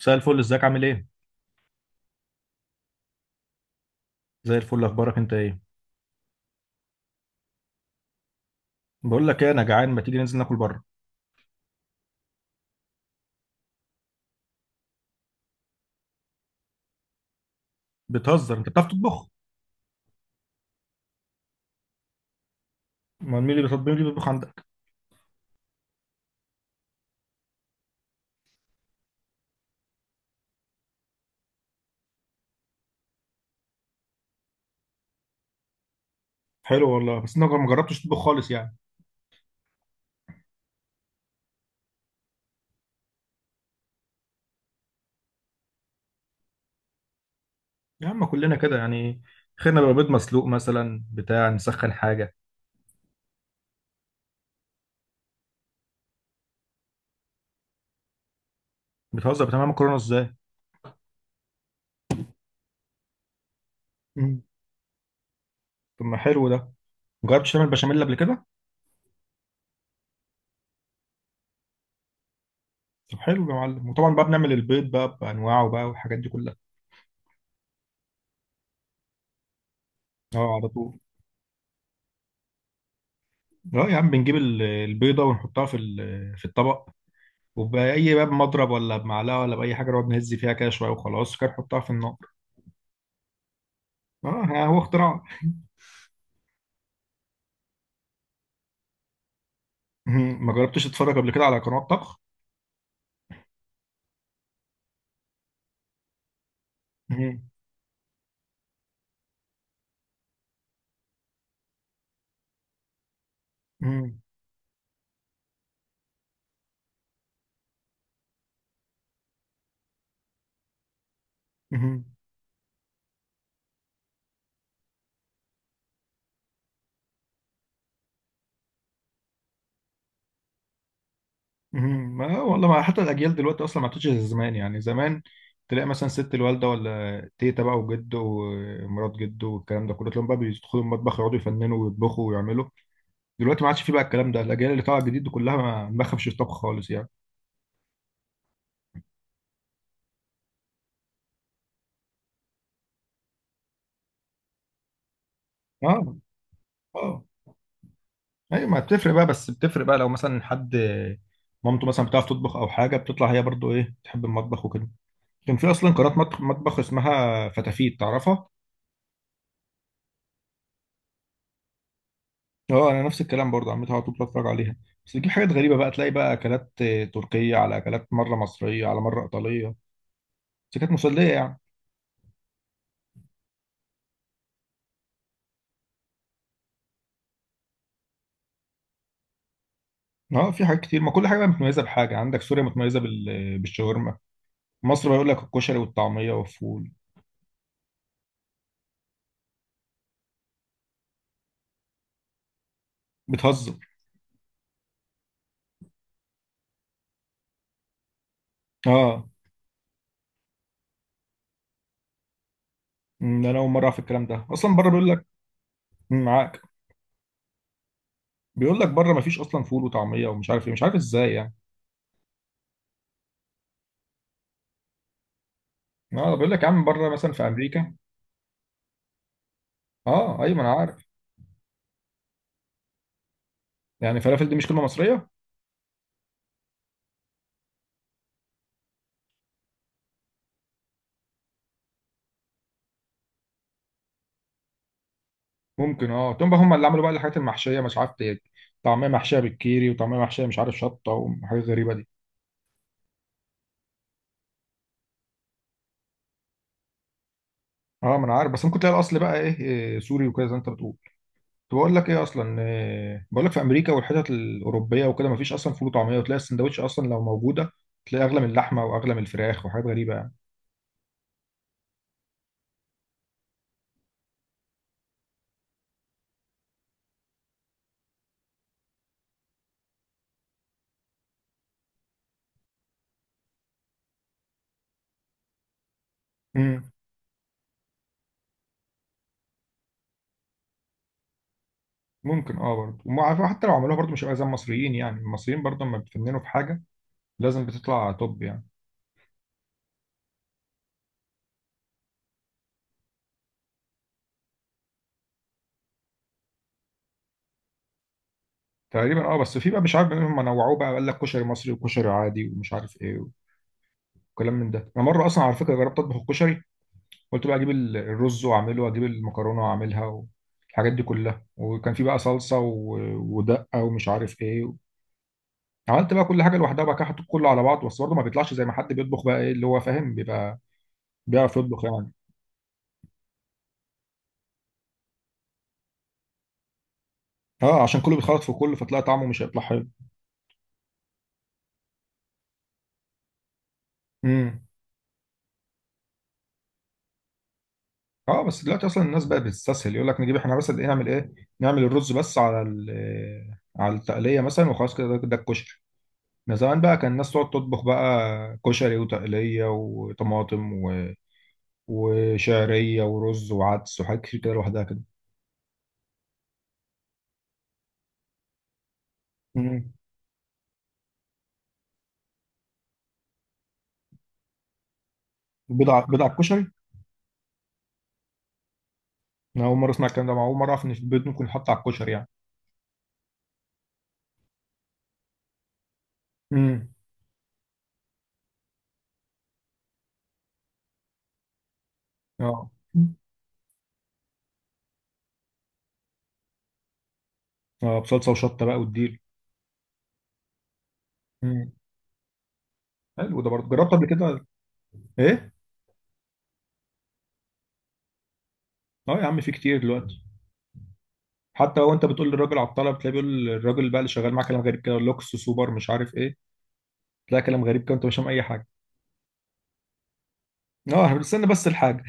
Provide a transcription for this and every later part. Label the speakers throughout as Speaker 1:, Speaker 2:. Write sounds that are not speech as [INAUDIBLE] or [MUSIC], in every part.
Speaker 1: مساء الفل، ازيك عامل ايه؟ زي الفل، اخبارك انت ايه؟ بقول لك ايه، انا جعان، ما تيجي ننزل ناكل بره. بتهزر، انت بتعرف تطبخ؟ ما مين اللي بيطبخ عندك؟ حلو والله، بس انا ما جربتش تطبخ خالص يعني. يا عم كلنا كده يعني، خيرنا بقى بيض مسلوق مثلا، بتاع نسخن حاجه. بتهزر، بتعمل مكرونه ازاي؟ مم. طب ما حلو ده. ما جربتش تعمل بشاميل قبل كده؟ طب حلو يا معلم، وطبعا بقى بنعمل البيض بقى بانواعه بقى والحاجات دي كلها. اه على طول. اه يا عم، بنجيب البيضه ونحطها في الطبق، وبأي باب مضرب ولا بمعلقة ولا بأي حاجة، نقعد نهز فيها كده شوية وخلاص كده نحطها في النار. اه ها، هو اختراع. مهم. ما جربتش اتفرج قبل كده على قنوات طبخ؟ مهم. مهم. مهم. مهم. ما والله ما حتى الأجيال دلوقتي أصلا ما عادتش زي زمان، يعني زمان تلاقي مثلا ست الوالدة ولا تيتا بقى وجد ومرات جد والكلام ده كله، تلاقيهم بقى بيدخلوا المطبخ يقعدوا يفننوا ويطبخوا ويعملوا. دلوقتي ما عادش فيه بقى الكلام ده، الأجيال اللي طالعة جديد كلها ما بخافش الطبخ خالص يعني. اه. اه. ايوه، ما بتفرق بقى، بس بتفرق بقى لو مثلا حد مامته مثلا بتعرف تطبخ او حاجه، بتطلع هي برضو ايه تحب المطبخ وكده. كان في اصلا قناه مطبخ اسمها فتافيت، تعرفها؟ اه انا نفس الكلام، برضو عمتها على طول بتفرج عليها. بس بتجيب حاجات غريبه بقى، تلاقي بقى اكلات تركيه، على اكلات مره مصريه، على مره ايطاليه. بس كانت مسليه يعني. اه في حاجات كتير، ما كل حاجه بقى متميزه بحاجه، عندك سوريا متميزه بالشاورما، مصر بيقول لك الكشري والطعميه والفول. بتهزر. اه. انا اول مره اعرف الكلام ده، اصلا بره بيقول لك. معاك. بيقول لك بره مفيش اصلا فول وطعميه ومش عارف ايه، مش عارف ازاي يعني. اه بيقول لك يا عم، بره مثلا في امريكا. اه ايوه، ما انا عارف. يعني فلافل دي مش كلمه مصريه؟ ممكن اه، تقوم بقى هم اللي عملوا بقى الحاجات المحشيه مش عارف إيه. طعميه محشيه بالكيري، وطعميه محشيه مش عارف شطه، وحاجات غريبه دي. اه ما انا عارف، بس ممكن تلاقي الاصل بقى إيه، سوري وكده زي ما انت بتقول. كنت بقول لك ايه اصلا، إيه بقول لك، في امريكا والحتت الاوروبيه وكده مفيش اصلا فول وطعميه، وتلاقي السندوتش اصلا لو موجوده، تلاقي اغلى من اللحمه واغلى من الفراخ وحاجات غريبه يعني. امم. ممكن اه برضه، حتى لو عملوها برضه مش هيبقى زي المصريين، يعني المصريين برضه لما بتفننوا في حاجه لازم بتطلع توب يعني. تقريبا اه، بس في بقى مش عارف هم نوعوه بقى، قال لك كشري مصري وكشري عادي ومش عارف ايه وكلام من ده. انا مره اصلا على فكره جربت اطبخ الكشري، قلت بقى اجيب الرز واعمله، واجيب المكرونه واعملها، والحاجات دي كلها، وكان في بقى صلصه ودقه ومش عارف ايه. عملت بقى كل حاجه لوحدها بقى كده، حطيت كله على بعض، بس برضه ما بيطلعش زي ما حد بيطبخ بقى، ايه اللي هو فاهم، بيبقى بيعرف يطبخ يعني. اه، عشان كله بيتخلط في كله، فتلاقي طعمه مش هيطلع حلو. امم. اه بس دلوقتي اصلا الناس بقت بتستسهل، يقول لك نجيب احنا بس قد ايه، نعمل ايه، نعمل الرز بس على على التقليه مثلا وخلاص كده، ده الكشري. من زمان بقى كان الناس تقعد تطبخ بقى كشري وتقليه وطماطم وشعريه ورز وعدس وحاجات كتير كده لوحدها كده. امم. بيض على بيض على الكشري؟ انا اول مره اسمع الكلام ده، أنا اول مره اعرف ان في البيض ممكن يتحط على الكشري يعني. امم. اه. اه بصلصه وشطه بقى والديل. امم. حلو ده، برضه جربت قبل كده. ايه. اه يا عم في كتير دلوقتي، حتى لو انت بتقول للراجل عطله، بتلاقي بيقول الراجل بقى اللي شغال معاه كلام غريب كده، لوكس سوبر مش عارف ايه، تلاقي كلام غريب كده وانت مش فاهم اي حاجه. اه احنا بنستنى بس الحاجه.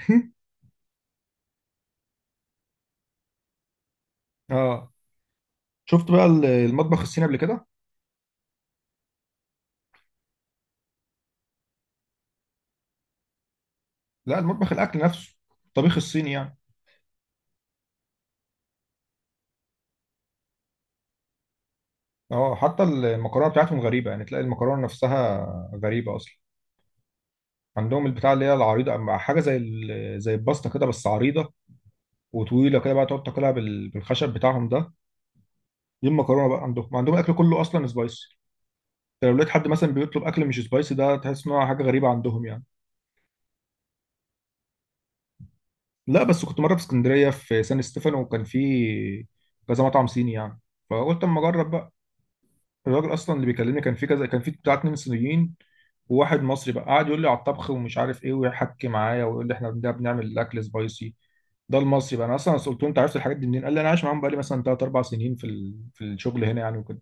Speaker 1: [LAUGHS] اه. شفت بقى المطبخ الصيني قبل كده؟ لا المطبخ، الاكل نفسه، الطبيخ الصيني يعني. اه حتى المكرونه بتاعتهم غريبه يعني، تلاقي المكرونه نفسها غريبه اصلا، عندهم البتاع اللي هي العريضه مع حاجه زي الباستا كده بس عريضه وطويله كده بقى، تقعد تاكلها بالخشب بتاعهم ده. دي المكرونه بقى عندهم الاكل كله اصلا سبايسي، لو لقيت حد مثلا بيطلب اكل مش سبايسي ده، تحس ان هو حاجه غريبه عندهم يعني. لا بس كنت مره في اسكندريه في سان ستيفانو، وكان في كذا مطعم صيني يعني، فقلت اما اجرب بقى. الراجل اصلا اللي بيكلمني، كان في كذا، كان في بتاع اتنين صينيين وواحد مصري بقى، قعد يقول لي على الطبخ ومش عارف ايه ويحكي معايا، ويقول لي احنا ده بنعمل الاكل سبايسي، ده المصري بقى. انا اصلا قلت له، انت عرفت الحاجات دي منين؟ قال لي انا عايش معاهم بقى لي مثلا ثلاث اربع سنين في الشغل هنا يعني وكده،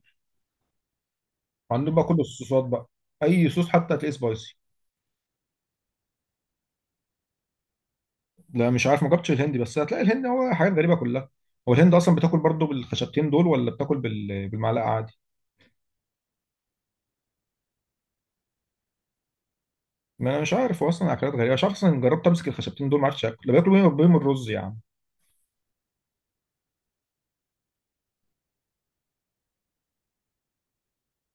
Speaker 1: وعندهم بقى كل الصوصات بقى، اي صوص حتى هتلاقيه سبايسي. لا مش عارف، ما جبتش الهندي، بس هتلاقي الهند هو حاجات غريبة كلها. هو الهند أصلا بتاكل برضو بالخشبتين دول ولا بتاكل بالمعلقة عادي؟ ما أنا مش عارف، هو أصلا أكلات غريبة، مش عارف أصلا، جربت أمسك الخشبتين دول ما عرفتش آكل، ده بياكلوا بيهم الرز يعني.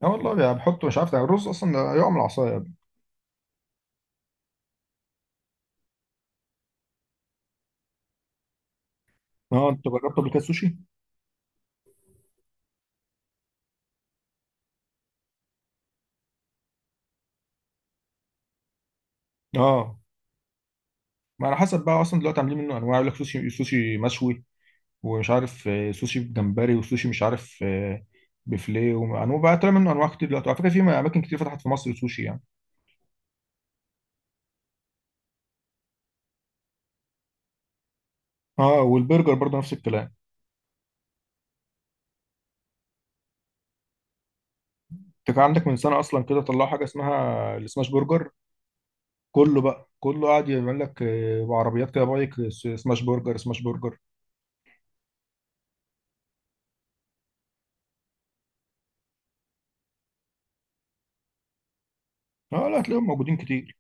Speaker 1: اه والله، يعني بحطه مش عارف، ده الرز أصلا ده يقع من العصاية. اه أنت جربت قبل كده السوشي؟ اه ما على حسب بقى، أصلا دلوقتي عاملين منه أنواع، يقول لك سوشي، سوشي مشوي، ومش عارف سوشي بجمبري، وسوشي مش عارف بفليه، وأنواع بقى، طلع منه أنواع كتير دلوقتي على فكرة، في أماكن كتير فتحت في مصر سوشي يعني. اه والبرجر برضه نفس الكلام. انت كان عندك من سنه اصلا كده طلعوا حاجه اسمها السماش برجر، كله بقى، كله قاعد يعمل لك بعربيات كده بايك، سماش برجر. اه لا هتلاقيهم موجودين كتير.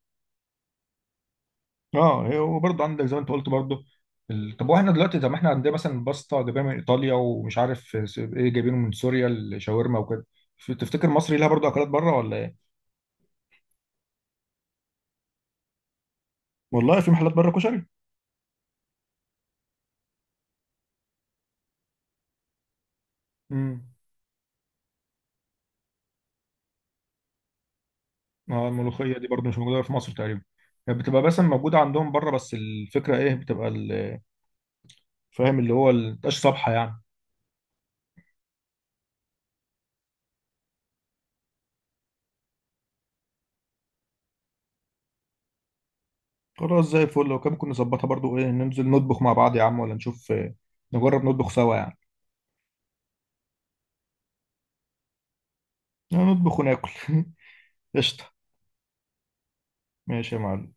Speaker 1: اه وبرضه عندك زي ما انت قلت برضه طب واحنا دلوقتي، طب ما احنا عندنا مثلا باستا جايبينها من ايطاليا، ومش عارف ايه جايبينه من سوريا الشاورما وكده، تفتكر مصر لها برضه اكلات بره ولا ايه؟ والله في محلات بره كشري؟ امم. اه الملوخيه دي برضه مش موجوده في مصر تقريبا، يعني بتبقى مثلا موجوده عندهم بره، بس الفكره ايه، بتبقى فاهم اللي هو مبتبقاش صبحه يعني. خلاص زي الفل، لو كان ممكن نظبطها برضو ايه، ننزل نطبخ مع بعض يا عم، ولا نشوف نجرب نطبخ سوا يعني، نطبخ وناكل. [LAUGHS] قشطة. ماشي يا معلم.